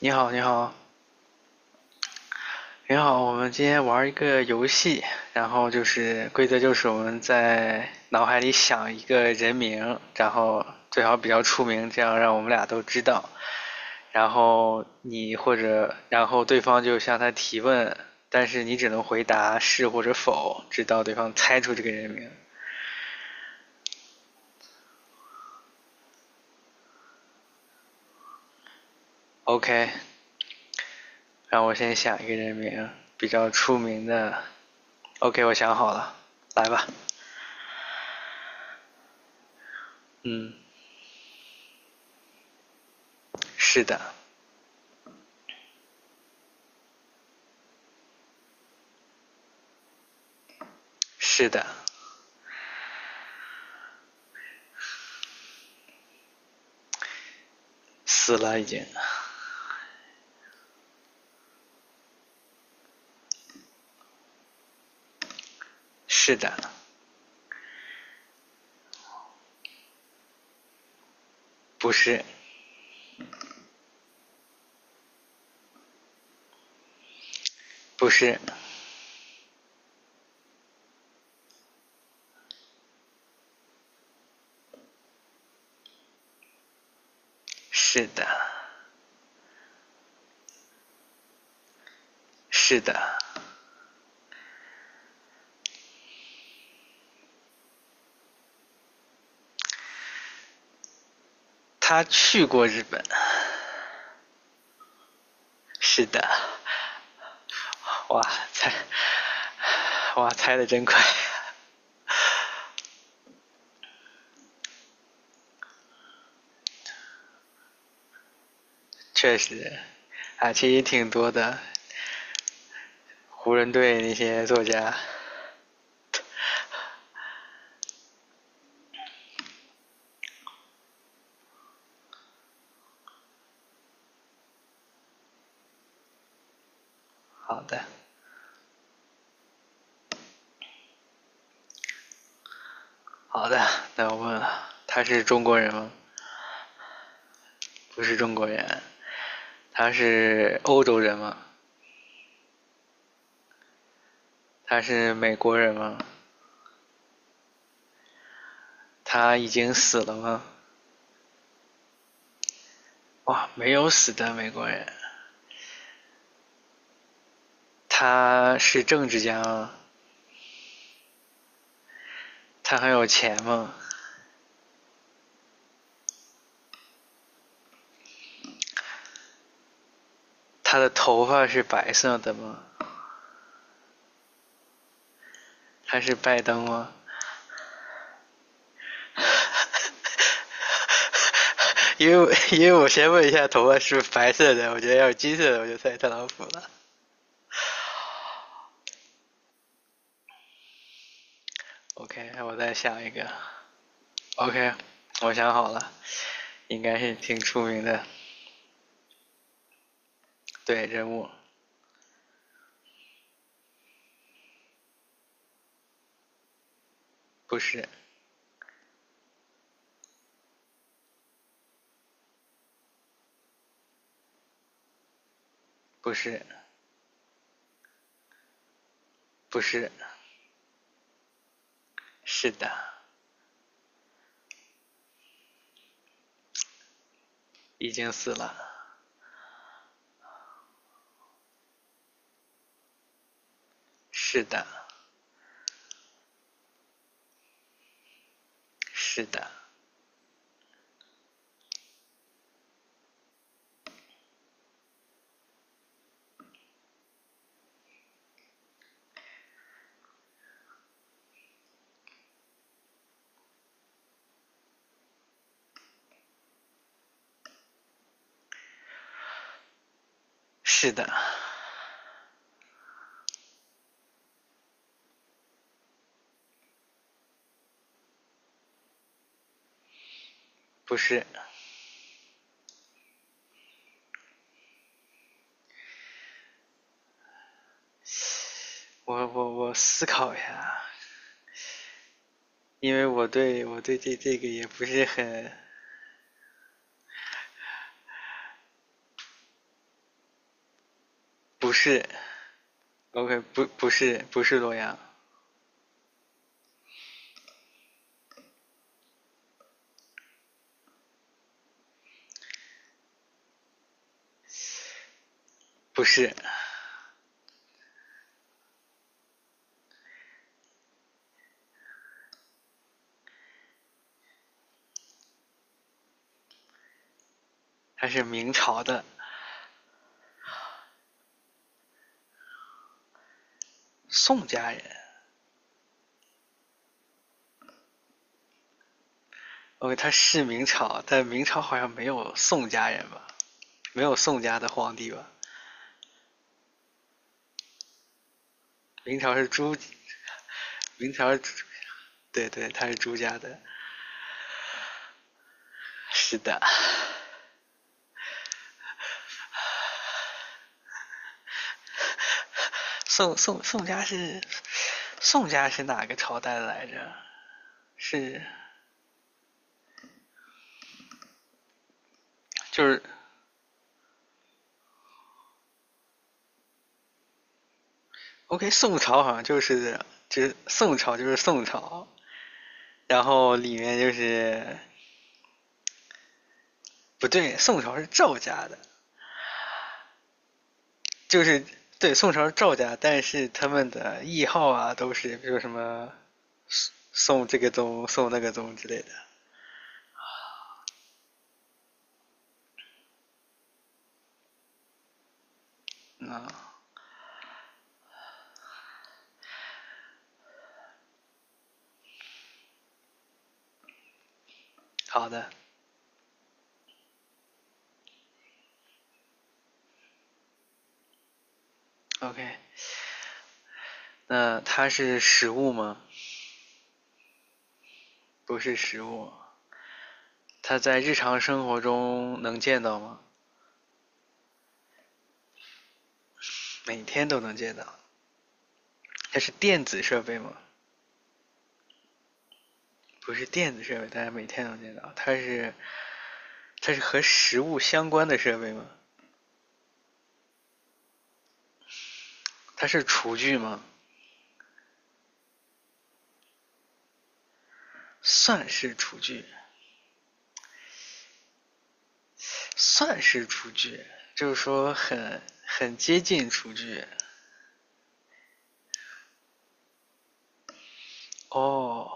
你好，你好，你好，我们今天玩一个游戏，然后就是规则就是我们在脑海里想一个人名，然后最好比较出名，这样让我们俩都知道。然后对方就向他提问，但是你只能回答是或者否，直到对方猜出这个人名。OK，让我先想一个人名，比较出名的。OK，我想好了，来吧。嗯，是的。是的，死了已经。是的，不是，不是，是的，是的，他去过日本。是的，哇，猜，哇，猜的真快。确实，啊，其实挺多的，湖人队那些作家。好的，好的，那我问了，他是中国人吗？不是中国人。他是欧洲人吗？他是美国人吗？他已经死了吗？哇，没有死的美国人，他是政治家吗？他很有钱吗？他的头发是白色的吗？他是拜登吗？因为因为我先问一下头发是不是白色的，我觉得要是金色的我就猜特朗普了。OK，我再想一个。OK，我想好了，应该是挺出名的。对，人物不是不是不是，是的，已经死了。是的，是的，是的。不是，我思考一下，因为我对这个也不是很不是，OK，不是洛阳，不是，他是明朝的宋家人，OK,他是明朝，但明朝好像没有宋家人吧，没有宋家的皇帝吧，明朝是朱，明朝对对，他是朱家的，是的，宋宋宋家是宋家是哪个朝代来着？是就是 OK,宋朝好像就是宋朝，然后里面就是不对，宋朝是赵家的，就是对宋朝是赵家，但是他们的谥号啊都是比如什么宋这个宗、宋那个宗之类的。嗯，好的，OK,那它是实物吗？不是实物，它在日常生活中能见到吗？每天都能见到。它是电子设备吗？不是电子设备，但是每天能见到。它是它是和食物相关的设备吗？它是厨具吗？算是厨具，算是厨具，就是说很接近厨具哦，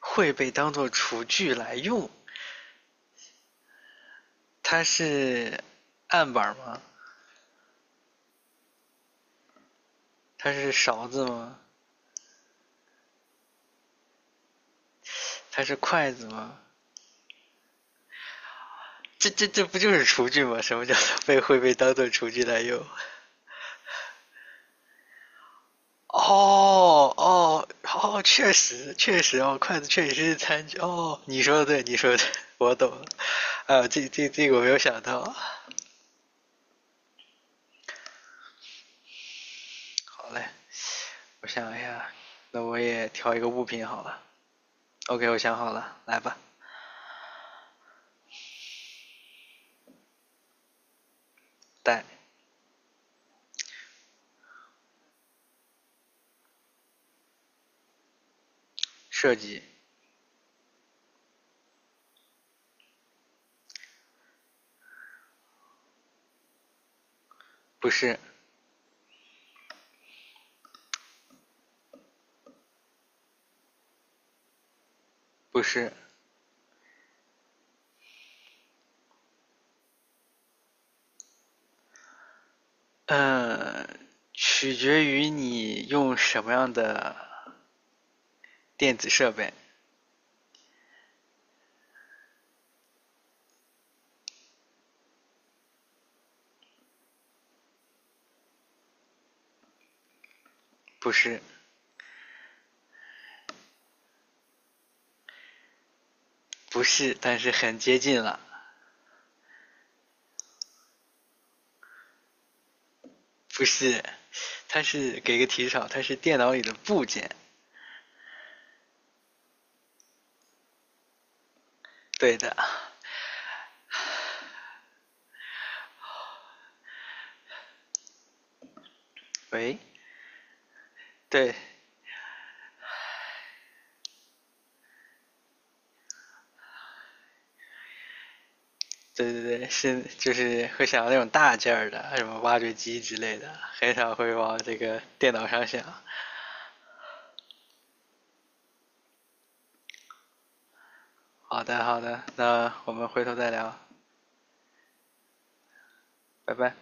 会被当做厨具来用。它是案板吗？它是勺子吗？它是筷子吗？这不就是厨具吗？什么叫做被会被当做厨具来用？哦哦哦，确实确实哦，筷子确实是餐具哦。你说的对，你说的对，我懂了。啊，这个我没有想到。好嘞，我想一下，那我也挑一个物品好了。OK,我想好了，来吧。带设计不是不是，嗯，取决于你用什么样的电子设备。不是不是，但是很接近了。不是，它是给个提示啊，它是电脑里的部件。对的，喂，对对对对，是就是会想到那种大件儿的，什么挖掘机之类的，很少会往这个电脑上想。好的好的，那我们回头再聊，拜拜。